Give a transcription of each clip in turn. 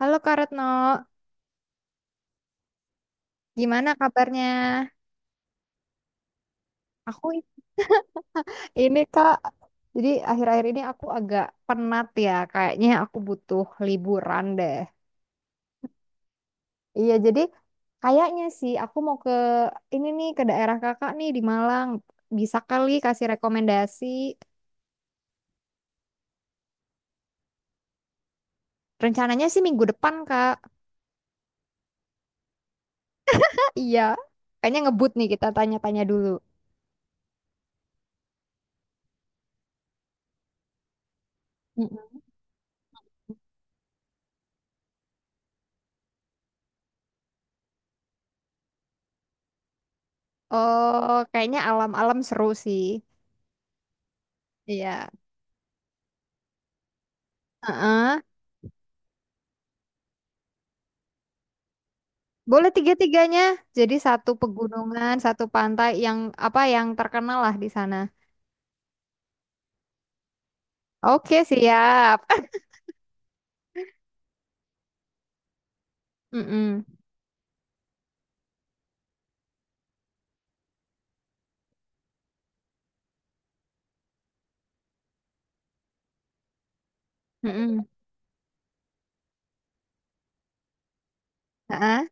Halo Kak Retno, gimana kabarnya? Aku ini Kak, jadi akhir-akhir ini aku agak penat ya, kayaknya aku butuh liburan deh. Iya, jadi kayaknya sih aku mau ke ini nih ke daerah Kakak nih di Malang. Bisa kali kasih rekomendasi. Rencananya sih minggu depan, Kak. Iya, kayaknya ngebut nih kita tanya-tanya dulu. Mm-mm. Oh, kayaknya alam-alam seru sih. Iya. Heeh. Boleh tiga-tiganya. Jadi satu pegunungan, satu pantai yang apa yang terkenal lah di sana. Oke, siap. Mm-mm. Mm-mm. Ha-ha.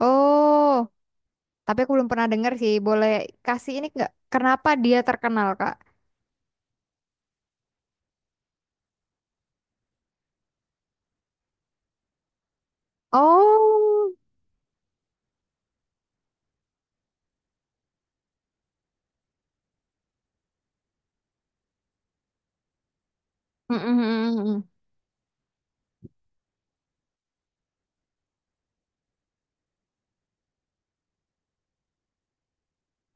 Oh, tapi aku belum pernah dengar sih. Boleh kasih ini nggak? Kenapa dia terkenal, Kak? Oh, mm-mm.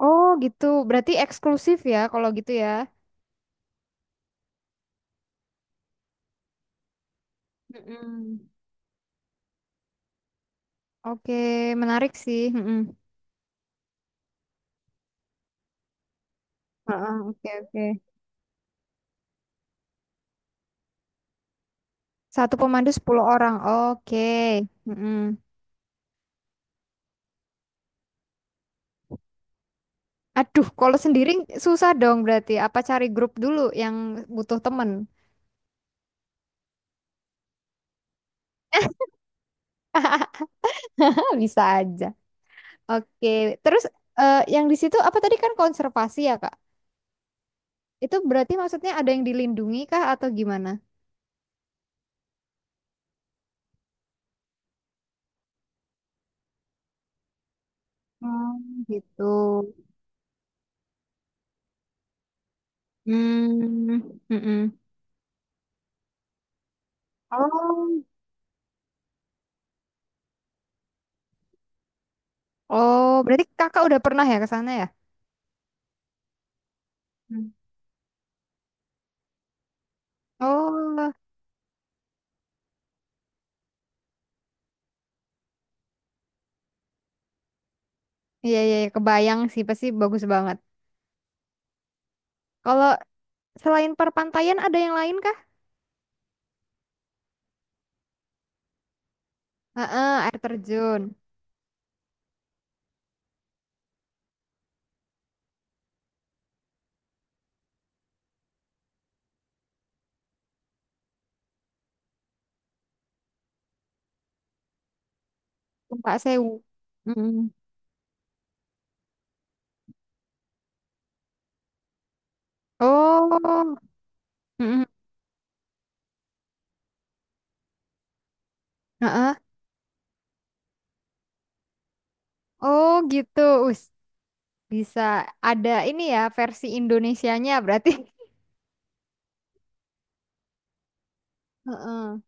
Oh gitu. Berarti eksklusif ya kalau gitu ya. Mm-mm. Oke, menarik sih. Mm-mm. Ha-ha, oke, oke. Satu pemandu 10 orang. Oke. Mm-mm. Aduh, kalau sendiri susah dong berarti. Apa cari grup dulu yang butuh temen? Bisa aja. Oke, terus yang di situ apa tadi kan konservasi ya, Kak? Itu berarti maksudnya ada yang dilindungi kah atau gimana? Hmm, gitu. Hmm, mm-mm. Oh. Oh, berarti kakak udah pernah ya ke sana ya? Hmm. Oh, iya iya iya, kebayang sih pasti bagus banget. Kalau selain perpantaian ada yang lain kah? Heeh, air terjun. Numpak sewu. Mm. Oh, mm-mm. Heeh. Oh gitu. Us, bisa ada ini ya versi Indonesianya berarti. Heeh.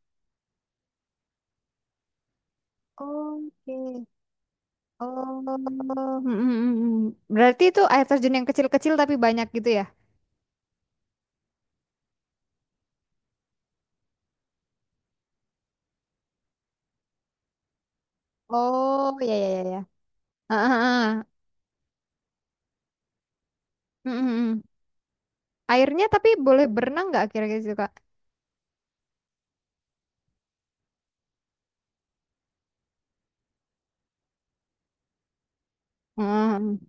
Oke. Oh, berarti itu air terjun yang kecil-kecil tapi banyak gitu ya? Oh, ya ya ya ya. Heeh. Heeh. mm mm Airnya tapi boleh berenang nggak kira-kira gitu, Kak? Mm.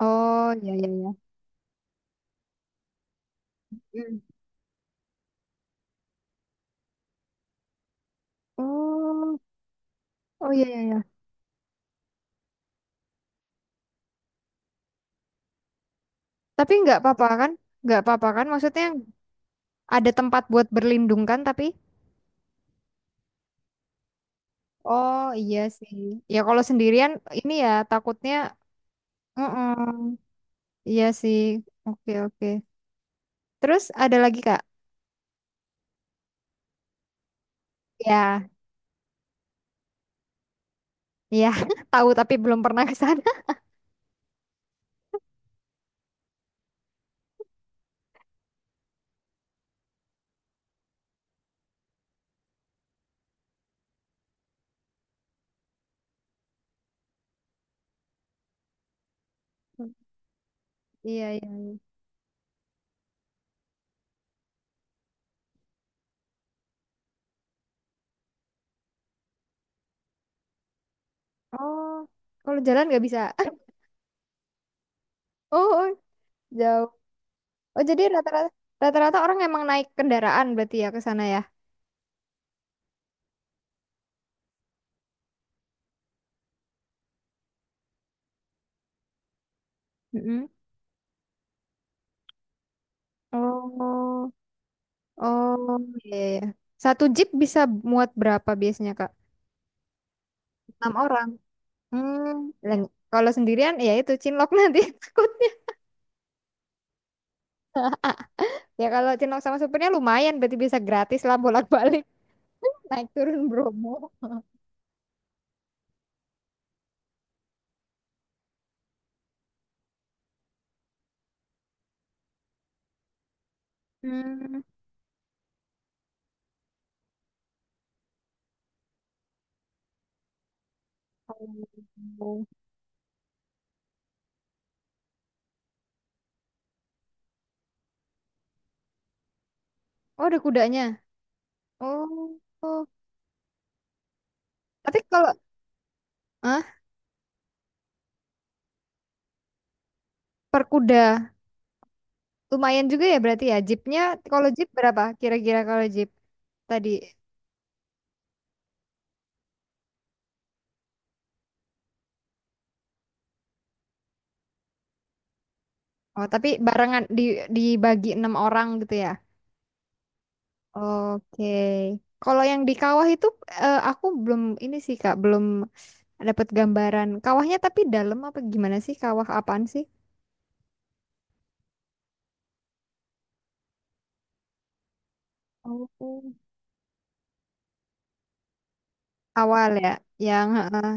Oh, ya ya ya. Mm. Oh, oh ya ya ya. Tapi nggak apa-apa kan? Nggak apa-apa kan? Maksudnya ada tempat buat berlindung kan tapi oh iya sih. Ya kalau sendirian ini ya takutnya mm Iya sih. Oke oke. Terus ada lagi Kak? Ya, iya tahu tapi belum pernah ke sana. Iya iya. Oh, kalau jalan nggak bisa. Oh, oh, jauh. Oh, jadi rata-rata orang emang naik kendaraan berarti ya ke sana ya. Mm-mm. Oh, oh, iya, iya. Satu jeep bisa muat berapa biasanya, Kak? 6 orang. Hmm, dan kalau sendirian ya itu cinlok nanti takutnya. Ya kalau cinlok sama supirnya lumayan berarti bisa gratis lah bolak-balik naik turun Bromo. Hmm. Oh, oh, ada kudanya. Oh, oh. Tapi kalau ah per kuda lumayan juga ya berarti ya. Jeepnya kalau jeep berapa kira-kira kalau jeep tadi? Oh, tapi barengan dibagi 6 orang gitu ya. Oke. Kalau yang di kawah itu aku belum ini sih Kak, belum dapat gambaran. Kawahnya tapi dalam apa gimana sih? Kawah apaan sih? Oh. Awal ya, yang heeh.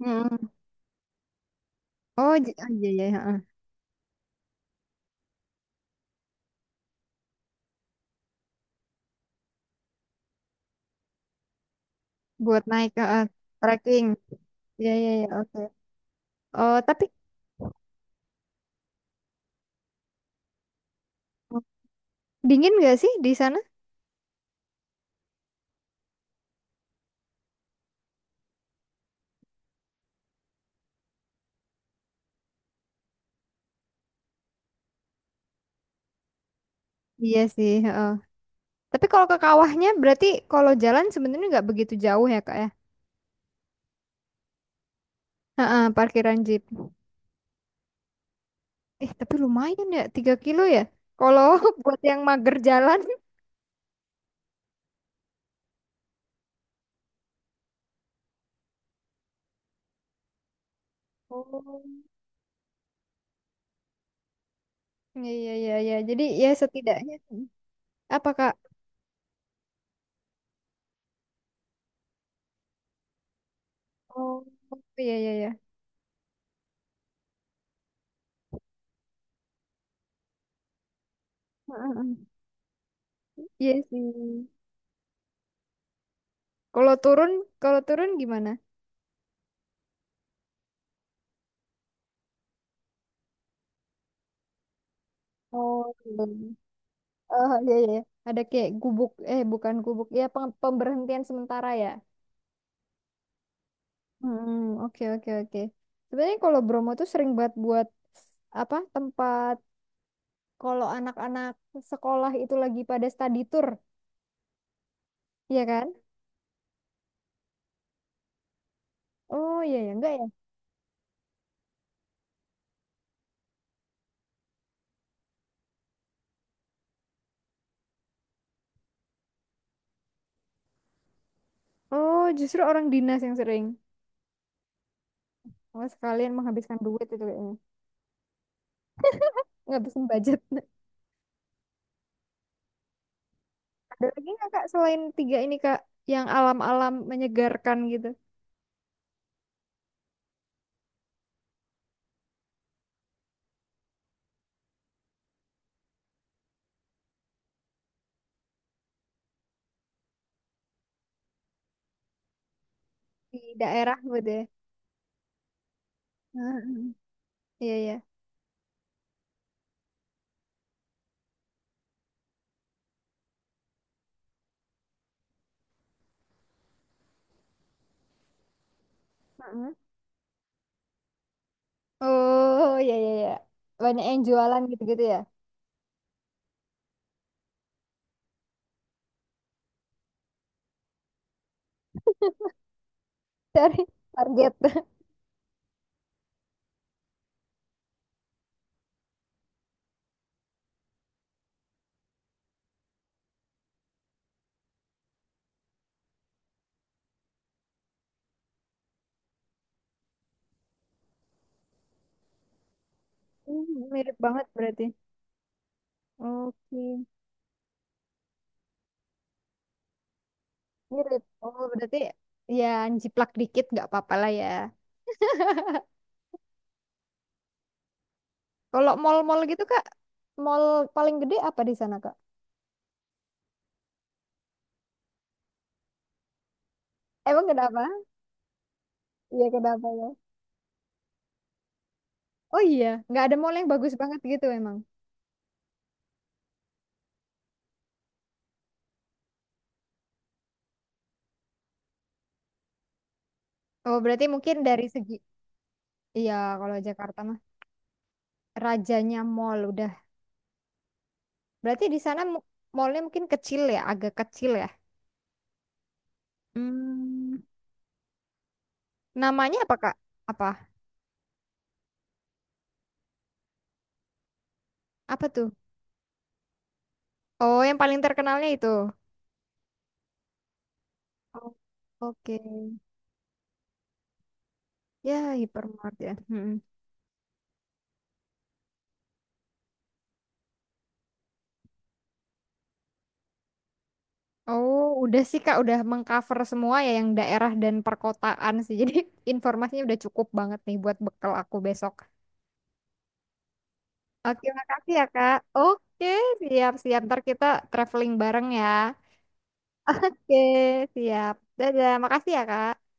Mm-mm. Oh, oh, iya iya heeh. Buat naik heeh. Trekking. Iya iya iya oke. Oh, tapi dingin nggak sih di sana? Iya sih, heeh. Tapi kalau ke kawahnya berarti kalau jalan sebenarnya nggak begitu jauh ya, Kak ya. Heeh, parkiran jeep. Eh, tapi lumayan ya, 3 kilo ya. Kalau buat yang mager jalan. Oh. Iya iya iya iya. Jadi ya setidaknya apa Kak? Oh, iya iya iya. Heeh, heeh. Iya sih. Kalau turun, Kalau turun gimana? Oh, iya. Oh, iya, iya. Ada kayak gubuk, eh bukan gubuk, ya pemberhentian sementara ya. Hmm, oke oke oke. Sebenarnya kalau Bromo tuh sering banget buat apa tempat kalau anak-anak sekolah itu lagi pada study tour, iya kan? Oh iya ya, enggak ya? Oh justru orang dinas yang sering. Oh sekalian menghabiskan duit itu kayaknya, menghabiskan budget. Ada lagi nggak kak selain tiga ini kak yang alam-alam menyegarkan gitu di daerah gitu ya? Heeh. Iya iya. Heeh. Oh iya iya iya. Banyak yang jualan gitu-gitu ya. Dari Target. Hmm, mirip banget berarti. Oke. Mirip. Oh berarti ya jiplak dikit nggak apa-apa lah ya. Kalau mall-mall gitu kak, mall paling gede apa di sana kak? Emang kenapa? Iya kenapa ya? Oh iya, nggak ada mall yang bagus banget gitu emang. Oh, berarti mungkin dari segi. Iya, kalau Jakarta mah rajanya mall udah. Berarti di sana mallnya mungkin kecil ya, agak kecil ya. Hmm, namanya apa Kak? Apa? Apa tuh? Oh, yang paling terkenalnya itu. Oh, oke. Ya, hypermart ya. Mm-mm. Oh, udah sih Kak, udah mengcover semua ya yang daerah dan perkotaan sih. Jadi informasinya udah cukup banget nih buat bekal aku besok. Oke, makasih ya Kak. Oke, siap-siap. Ntar kita traveling bareng ya. Oke, siap. Dadah, makasih ya, Kak.